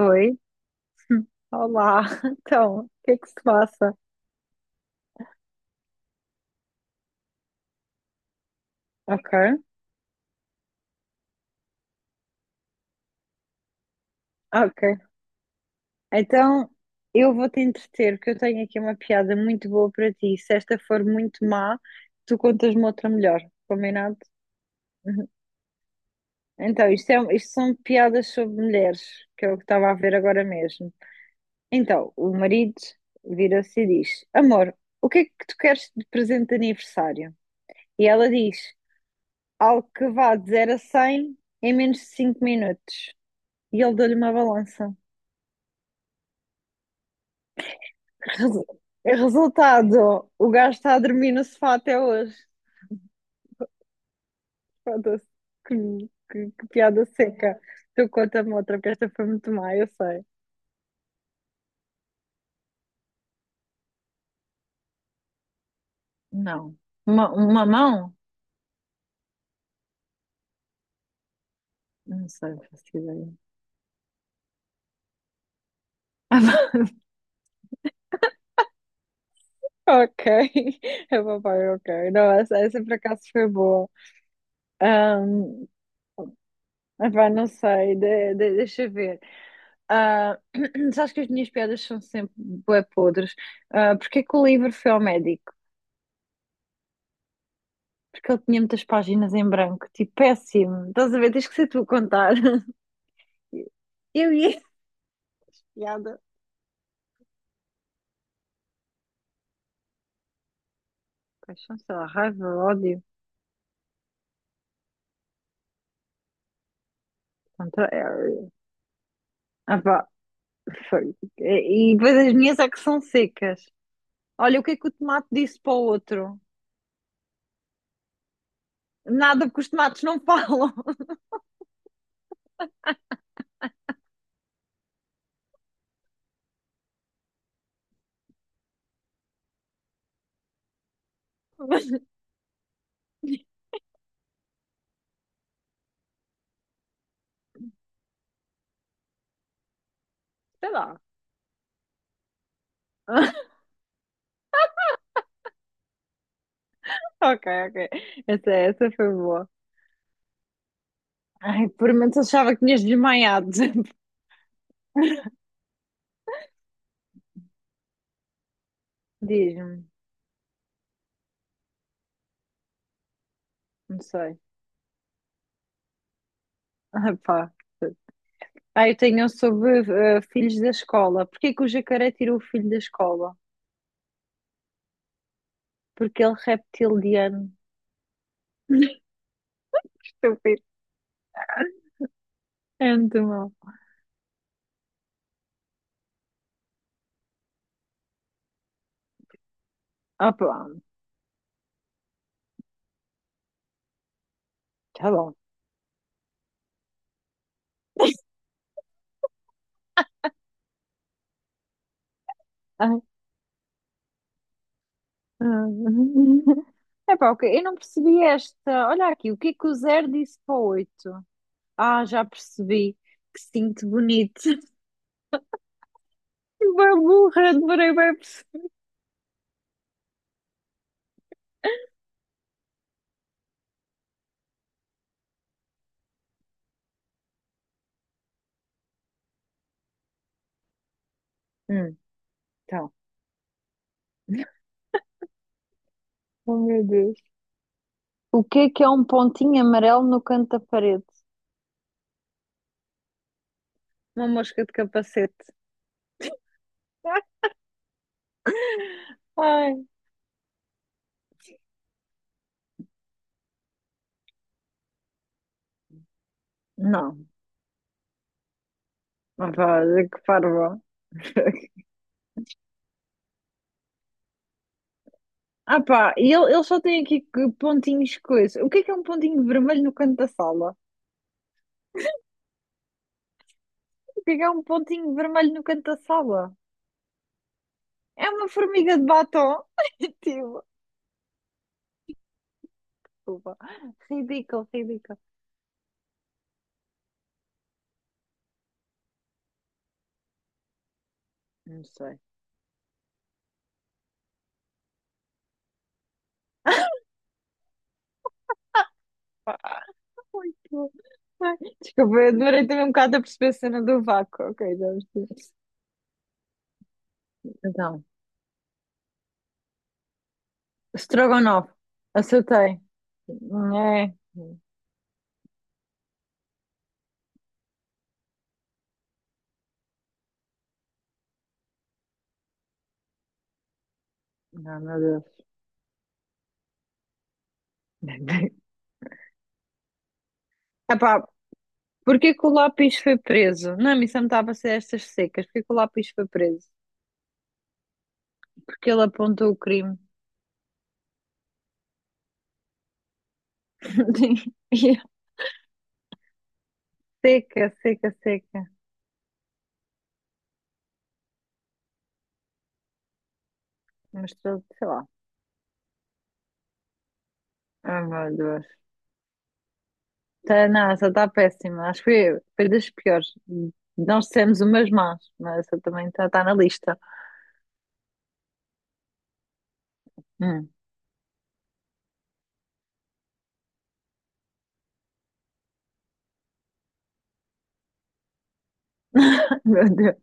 Oi, olá. Então, o que é que se passa? Ok, ok. Então, eu vou-te entreter, porque eu tenho aqui uma piada muito boa para ti. Se esta for muito má, tu contas-me outra melhor, combinado? Então, isto, é, um, isto são piadas sobre mulheres, que é o que estava a ver agora mesmo. Então, o marido vira-se e diz: Amor, o que é que tu queres de presente de aniversário? E ela diz: Algo que vá de 0 a 100 em menos de 5 minutos. E ele deu-lhe uma balança. Resu- Resultado, o gajo está a dormir no sofá até hoje. Foda-se. Que, que piada seca. Tu conta-me outra, porque esta foi muito má, eu sei. Não. Uma mão? Não sei, não faço ideia. Ok, é papai, ok. Não, essa por acaso foi boa. Ahm, epá, não sei, deixa eu ver. Ah, sabes que as minhas piadas são sempre bué podres. Ah, porque é que o livro foi ao médico? Porque ele tinha muitas páginas em branco, tipo, péssimo. Estás a ver? Tens que ser tu a contar. Eu ia. Piada. Paixão, sei lá, raiva, ódio. Contra. Ah, pá, foi. E depois as minhas é que são secas. Olha, o que é que o tomate disse para o outro? Nada, porque os tomates não falam. Mas, sei lá. Ok, ok. Essa foi boa. Ai, por momentos achava que tinhas desmaiado. Diz-me, não sei. Ah, pá. Ah, eu tenho um sobre filhos da escola. Porquê que o jacaré tirou o filho da escola? Porque ele é reptiliano. Estúpido. É muito mal. Ah, pá, tá bom. Ai. É pá, ok. Eu não percebi esta. Olha aqui, o que é que o zero disse para o 8? Ah, já percebi. Que cinto bonito. Bem burra, demorei bem a perceber. Hum, então. Oh, meu Deus. O que é um pontinho amarelo no canto da parede? Uma mosca de capacete. Ai. Não. Opa, que parvo. Ah pá, e ele só tem aqui que pontinhos coisa. O que é um pontinho vermelho no canto da sala? O que é um pontinho vermelho no canto da sala? É uma formiga de batom. Tipo, desculpa. Ridículo, ridículo. Não sei. Pá, ai, que horror. Ai, desculpa, eu demorei também um bocado a perceber a cena do vácuo. Ok, já percebi. Então, Strogonoff. Acertei. É. Não, meu Deus. Epá, porquê que o lápis foi preso? Não, isso não estava a ser estas secas. Porquê que o lápis foi preso? Porque ele apontou o crime. Yeah. Seca, seca, seca. Mostrou, sei lá. Ah, meu Deus. Tá, não, essa está péssima. Acho que foi das piores. Nós dissemos umas más, mas essa também está na lista. Hum. Meu Deus.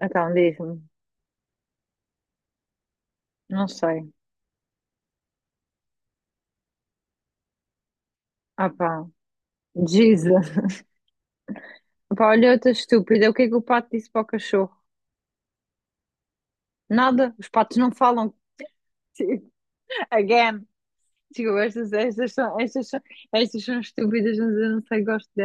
Então, diz-me. Não sei. Ah, pá. Jesus. Pá, olha outra estúpida. O que é que o pato disse para o cachorro? Nada. Os patos não falam. Again. Desculpa, estas são estúpidas, mas eu não sei, gosto de.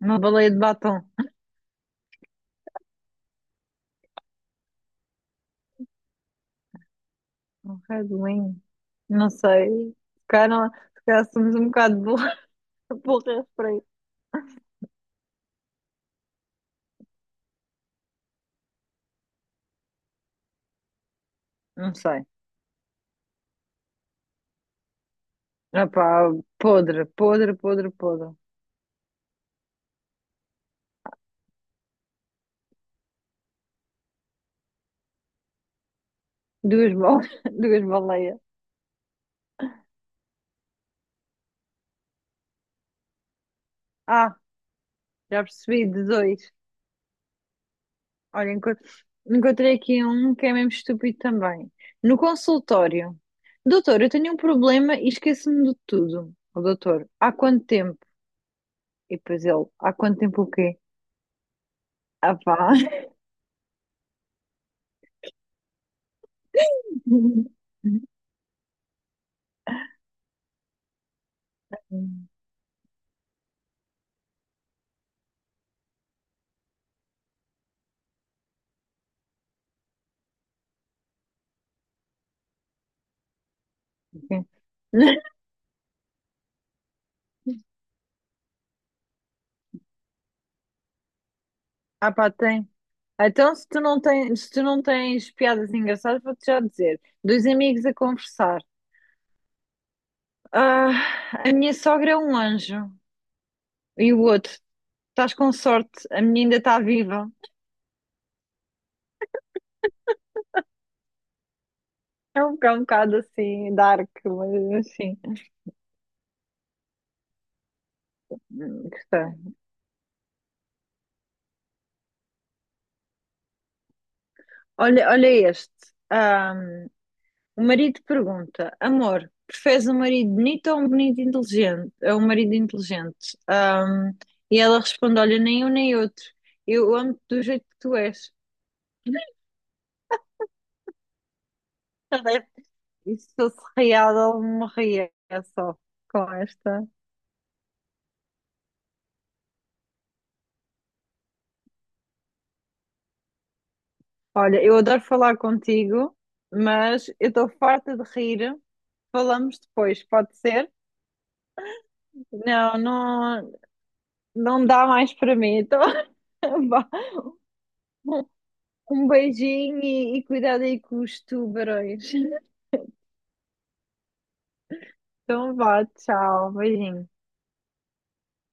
Uma baleia de batom. Um Red Wing. Não sei. Se calhar, se calhar somos um bocado burra, burra para isso. Não sei. Opá, podre, podre, podre, podre. Duas, bal... duas baleias. Ah, já percebi, de dois. Olha, encontrei aqui um que é mesmo estúpido também. No consultório. Doutor, eu tenho um problema e esqueço-me de tudo. O doutor, há quanto tempo? E depois ele, há quanto tempo o quê? Ah pá. Ah pá, tem. Então, se tu não tens piadas engraçadas, vou-te já dizer. Dois amigos a conversar. Ah, a minha sogra é um anjo. E o outro, estás com sorte, a minha ainda está viva. É um bocado assim, dark, mas assim. Hum, gostei. Olha, olha este. O marido pergunta: Amor, preferes um marido bonito ou um bonito inteligente? É um marido inteligente. E ela responde: Olha, nem um nem outro. Eu amo-te do jeito que tu és. Ela deve- E se fosse real, ela morria só com esta. Olha, eu adoro falar contigo, mas eu estou farta de rir. Falamos depois, pode ser? Não, não, não dá mais para mim. Então, vá. Um beijinho e cuidado aí com os tubarões. Então, vá, tchau, beijinho.